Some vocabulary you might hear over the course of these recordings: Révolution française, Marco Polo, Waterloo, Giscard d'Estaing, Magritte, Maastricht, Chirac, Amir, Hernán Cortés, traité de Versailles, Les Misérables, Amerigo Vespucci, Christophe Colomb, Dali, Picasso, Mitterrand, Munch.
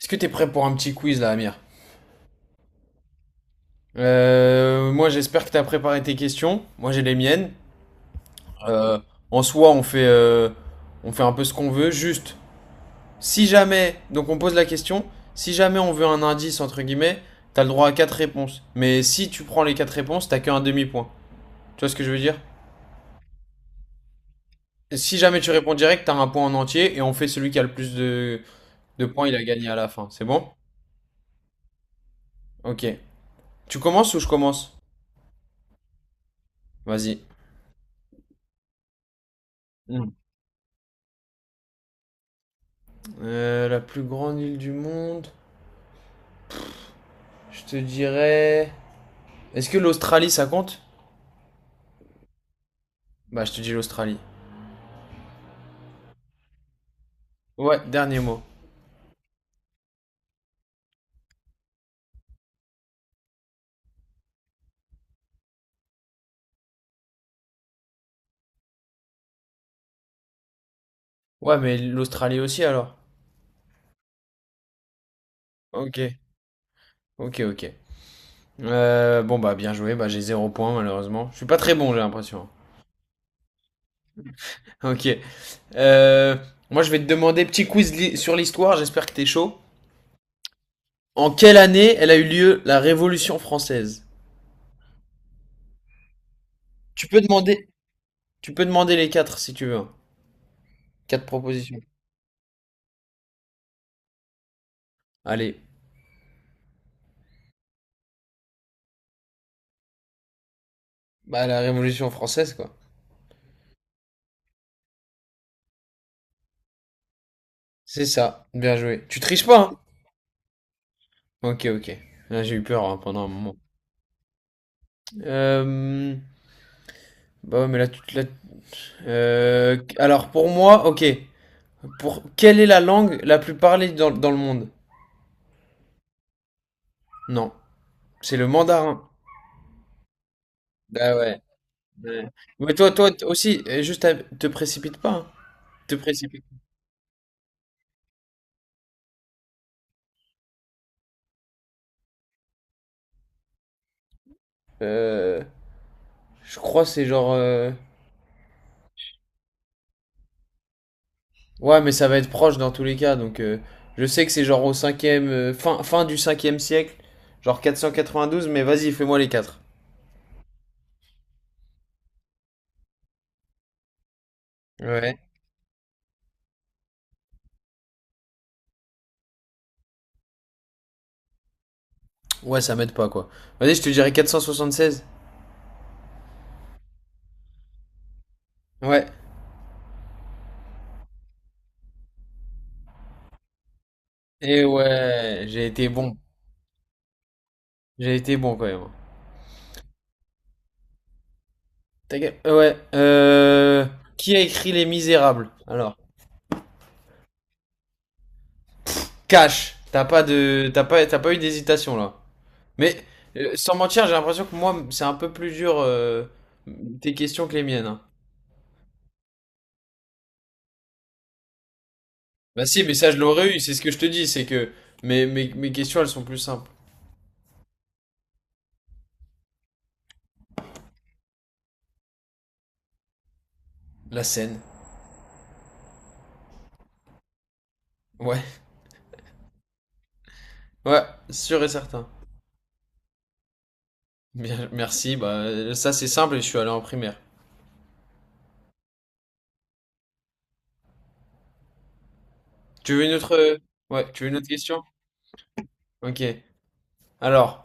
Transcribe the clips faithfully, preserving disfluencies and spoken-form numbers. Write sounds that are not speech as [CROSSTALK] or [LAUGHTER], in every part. Est-ce que t'es prêt pour un petit quiz là, Amir? Euh, moi, j'espère que t'as préparé tes questions. Moi, j'ai les miennes. Euh, en soi, on fait, euh, on fait un peu ce qu'on veut. Juste, si jamais, donc on pose la question, si jamais on veut un indice entre guillemets, t'as le droit à quatre réponses. Mais si tu prends les quatre réponses, t'as qu'un demi-point. Tu vois ce que je veux dire? Si jamais tu réponds direct, t'as un point en entier et on fait celui qui a le plus de, de points, il a gagné à la fin. C'est bon? Ok. Tu commences ou je commence? Vas-y. Hmm. Euh, la plus grande île du monde. Je te dirais. Est-ce que l'Australie ça compte? Bah, je te dis l'Australie. Ouais, dernier mot. Ouais, mais l'Australie aussi alors. Ok, ok, ok. Euh, bon, bah, bien joué. Bah, j'ai zéro point malheureusement. Je suis pas très bon, j'ai l'impression. Ok. Euh, moi, je vais te demander petit quiz li- sur l'histoire. J'espère que t'es chaud. En quelle année elle a eu lieu la Révolution française? Tu peux demander, tu peux demander les quatre si tu veux. Quatre propositions. Allez. Bah, la Révolution française, quoi. C'est ça. Bien joué. Tu triches pas, hein? Ok, ok. Là, j'ai eu peur hein, pendant un moment. Euh... Bah ouais, mais là, tu te Euh... Alors, pour moi, ok. Pour... Quelle est la langue la plus parlée dans, dans le monde? Non, c'est le mandarin. Bah ouais, ouais. Mais toi, toi t- aussi, euh, juste, à- te précipite pas, hein. Te précipite. Euh... Je crois que c'est genre... euh, Ouais, mais ça va être proche dans tous les cas. Donc, euh, je sais que c'est genre au cinquième... euh, fin, fin du cinquième siècle. Genre quatre quatre-vingt-douze. cent quatre-vingt-douze, mais vas-y, fais-moi les quatre. Ouais. Ouais, ça m'aide pas, quoi. Vas-y, je te dirais quatre cent soixante-seize. Ouais. Et ouais, j'ai été bon. J'ai été bon quand même. Ta gueule. Euh, Ouais. Euh... Qui a écrit Les Misérables? Alors, cash. T'as pas de, t'as pas, t'as pas eu d'hésitation là. Mais euh, sans mentir, j'ai l'impression que moi, c'est un peu plus dur euh, tes questions que les miennes, hein. Bah si, mais ça je l'aurais eu. C'est ce que je te dis, c'est que mes, mes, mes questions elles sont plus simples. La scène. Ouais. Ouais, sûr et certain. Bien, merci. Bah ça c'est simple et je suis allé en primaire. Tu veux une autre... euh, Ouais, tu veux une autre question? Ok. Alors,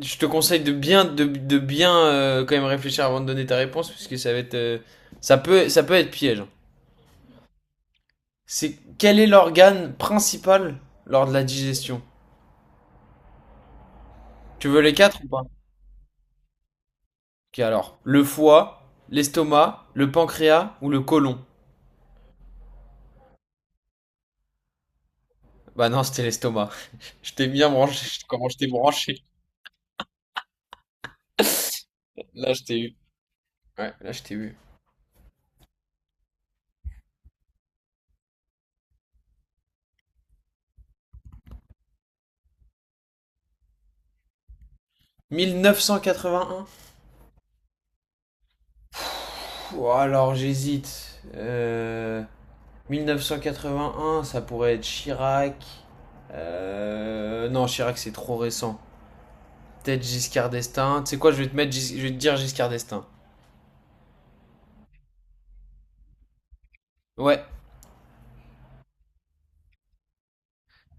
je te conseille de bien, de, de bien euh, quand même réfléchir avant de donner ta réponse, puisque ça va être, euh, ça peut, ça peut être piège, hein. C'est quel est l'organe principal lors de la digestion? Tu veux les quatre ou pas? Ok, alors, le foie, l'estomac, le pancréas ou le côlon? Bah non, c'était l'estomac. [LAUGHS] Je t'ai bien branché. Comment je t'ai branché? Là, je t'ai eu. Ouais, là, je t'ai eu. mille neuf cent quatre-vingt-un? Pouh, alors, j'hésite. Euh... mille neuf cent quatre-vingt un ça pourrait être Chirac. Euh, Non, Chirac, c'est trop récent. Peut-être Giscard d'Estaing. Tu sais quoi, je vais te mettre, Gis- je vais te dire Giscard d'Estaing. Ouais.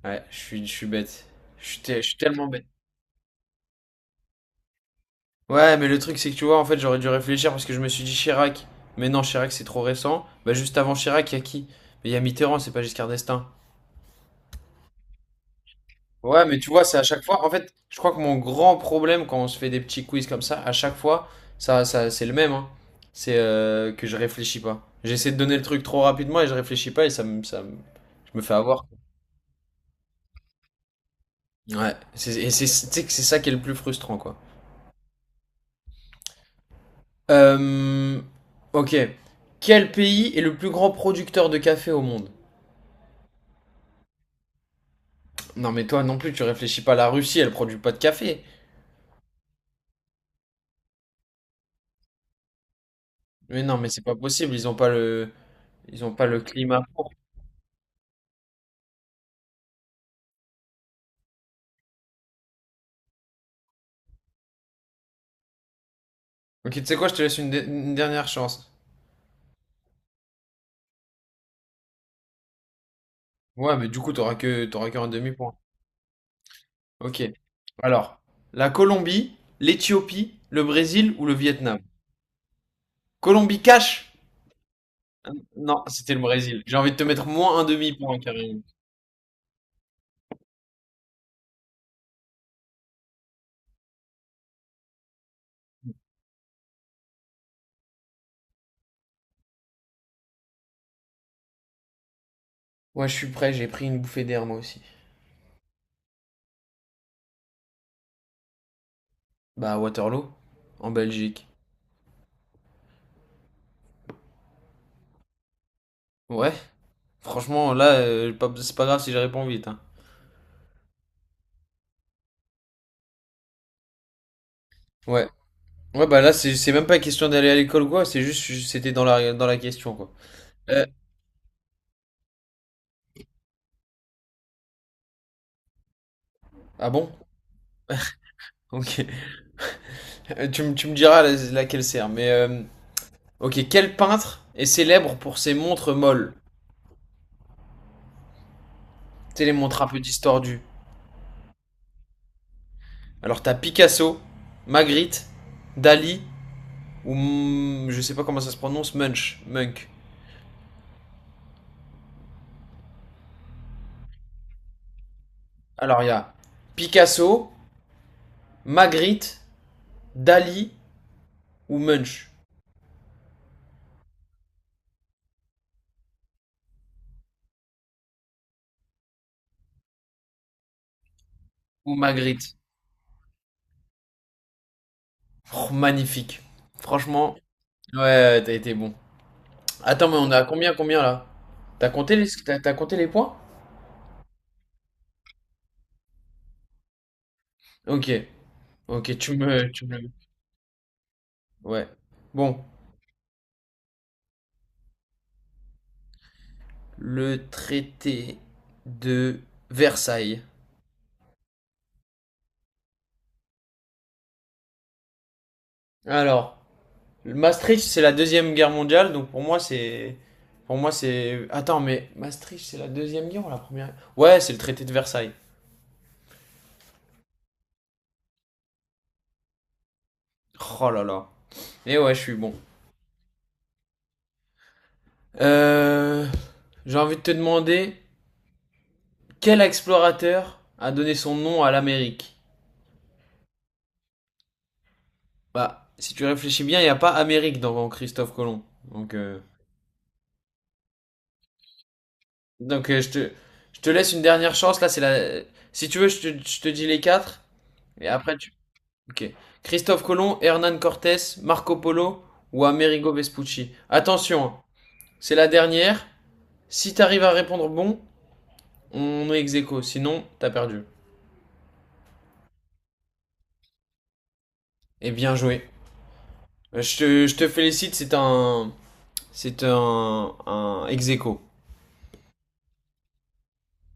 Ouais, je suis, je suis bête. Je suis, te- je suis tellement bête. Ouais, mais le truc, c'est que tu vois, en fait, j'aurais dû réfléchir parce que je me suis dit Chirac. Mais non, Chirac, c'est trop récent. Bah, juste avant Chirac, il y a qui? Mais il y a Mitterrand, c'est pas Giscard d'Estaing. Ouais, mais tu vois, c'est à chaque fois. En fait, je crois que mon grand problème quand on se fait des petits quiz comme ça, à chaque fois, ça, ça, c'est le même, hein. C'est euh, que je réfléchis pas. J'essaie de donner le truc trop rapidement et je réfléchis pas et ça me, ça me- je me fais avoir. Ouais. C'est- Et c'est, tu sais que c'est ça qui est le plus frustrant, quoi. Euh, ok. Quel pays est le plus grand producteur de café au monde? Non, mais toi non plus, tu réfléchis pas. La Russie, elle produit pas de café. Mais non, mais c'est pas possible. Ils ont pas le, ils ont pas le climat pour. Ok, tu sais quoi, je te laisse une, de- une dernière chance. Ouais, mais du coup, t'auras que, t'auras qu'un demi-point. Ok. Alors, la Colombie, l'Éthiopie, le Brésil ou le Vietnam? Colombie cash? Non, c'était le Brésil. J'ai envie de te mettre moins un demi-point, carrément. Ouais, je suis prêt, j'ai pris une bouffée d'air, moi aussi. Bah, Waterloo, en Belgique. Ouais, franchement, là, euh, pas- c'est pas grave si je réponds vite, hein. Ouais. Ouais, bah là, c'est c'est même pas question d'aller à l'école ou quoi, c'est juste, c'était dans la, dans la question, quoi. Euh, ah bon? Ok. [LAUGHS] Tu, me- tu me diras la- laquelle sert, mais... euh, Ok, quel peintre est célèbre pour ses montres molles? C'est les montres un peu distordues. Alors t'as Picasso, Magritte, Dali ou M- je sais pas comment ça se prononce, Munch, Munk. Alors il y a Picasso, Magritte, Dali ou Munch ou Magritte. Oh, magnifique. Franchement, ouais, ouais, t'as été bon. Attends, mais on a combien, combien là? T'as compté les, t'as, t'as compté les points? Ok, ok, tu me, tu me, ouais. Bon. Le traité de Versailles. Alors, Maastricht, c'est la deuxième guerre mondiale, donc pour moi, c'est. Pour moi, c'est. Attends, mais Maastricht, c'est la deuxième guerre ou la première? Ouais, c'est le traité de Versailles. Oh là là. Et ouais, je suis bon. Euh, J'ai envie de te demander quel explorateur a donné son nom à l'Amérique. Bah, si tu réfléchis bien, il n'y a pas Amérique dans Christophe Colomb. Donc, euh, Donc euh, je te, je te laisse une dernière chance. Là, c'est la. Si tu veux, je te, je te dis les quatre. Et après, tu. Ok. Christophe Colomb, Hernán Cortés, Marco Polo ou Amerigo Vespucci. Attention, hein, c'est la dernière. Si t'arrives à répondre bon, on est ex aequo. Sinon, t'as perdu. Et bien joué. Euh, Je te, je te félicite, c'est un. C'est un, un ex aequo.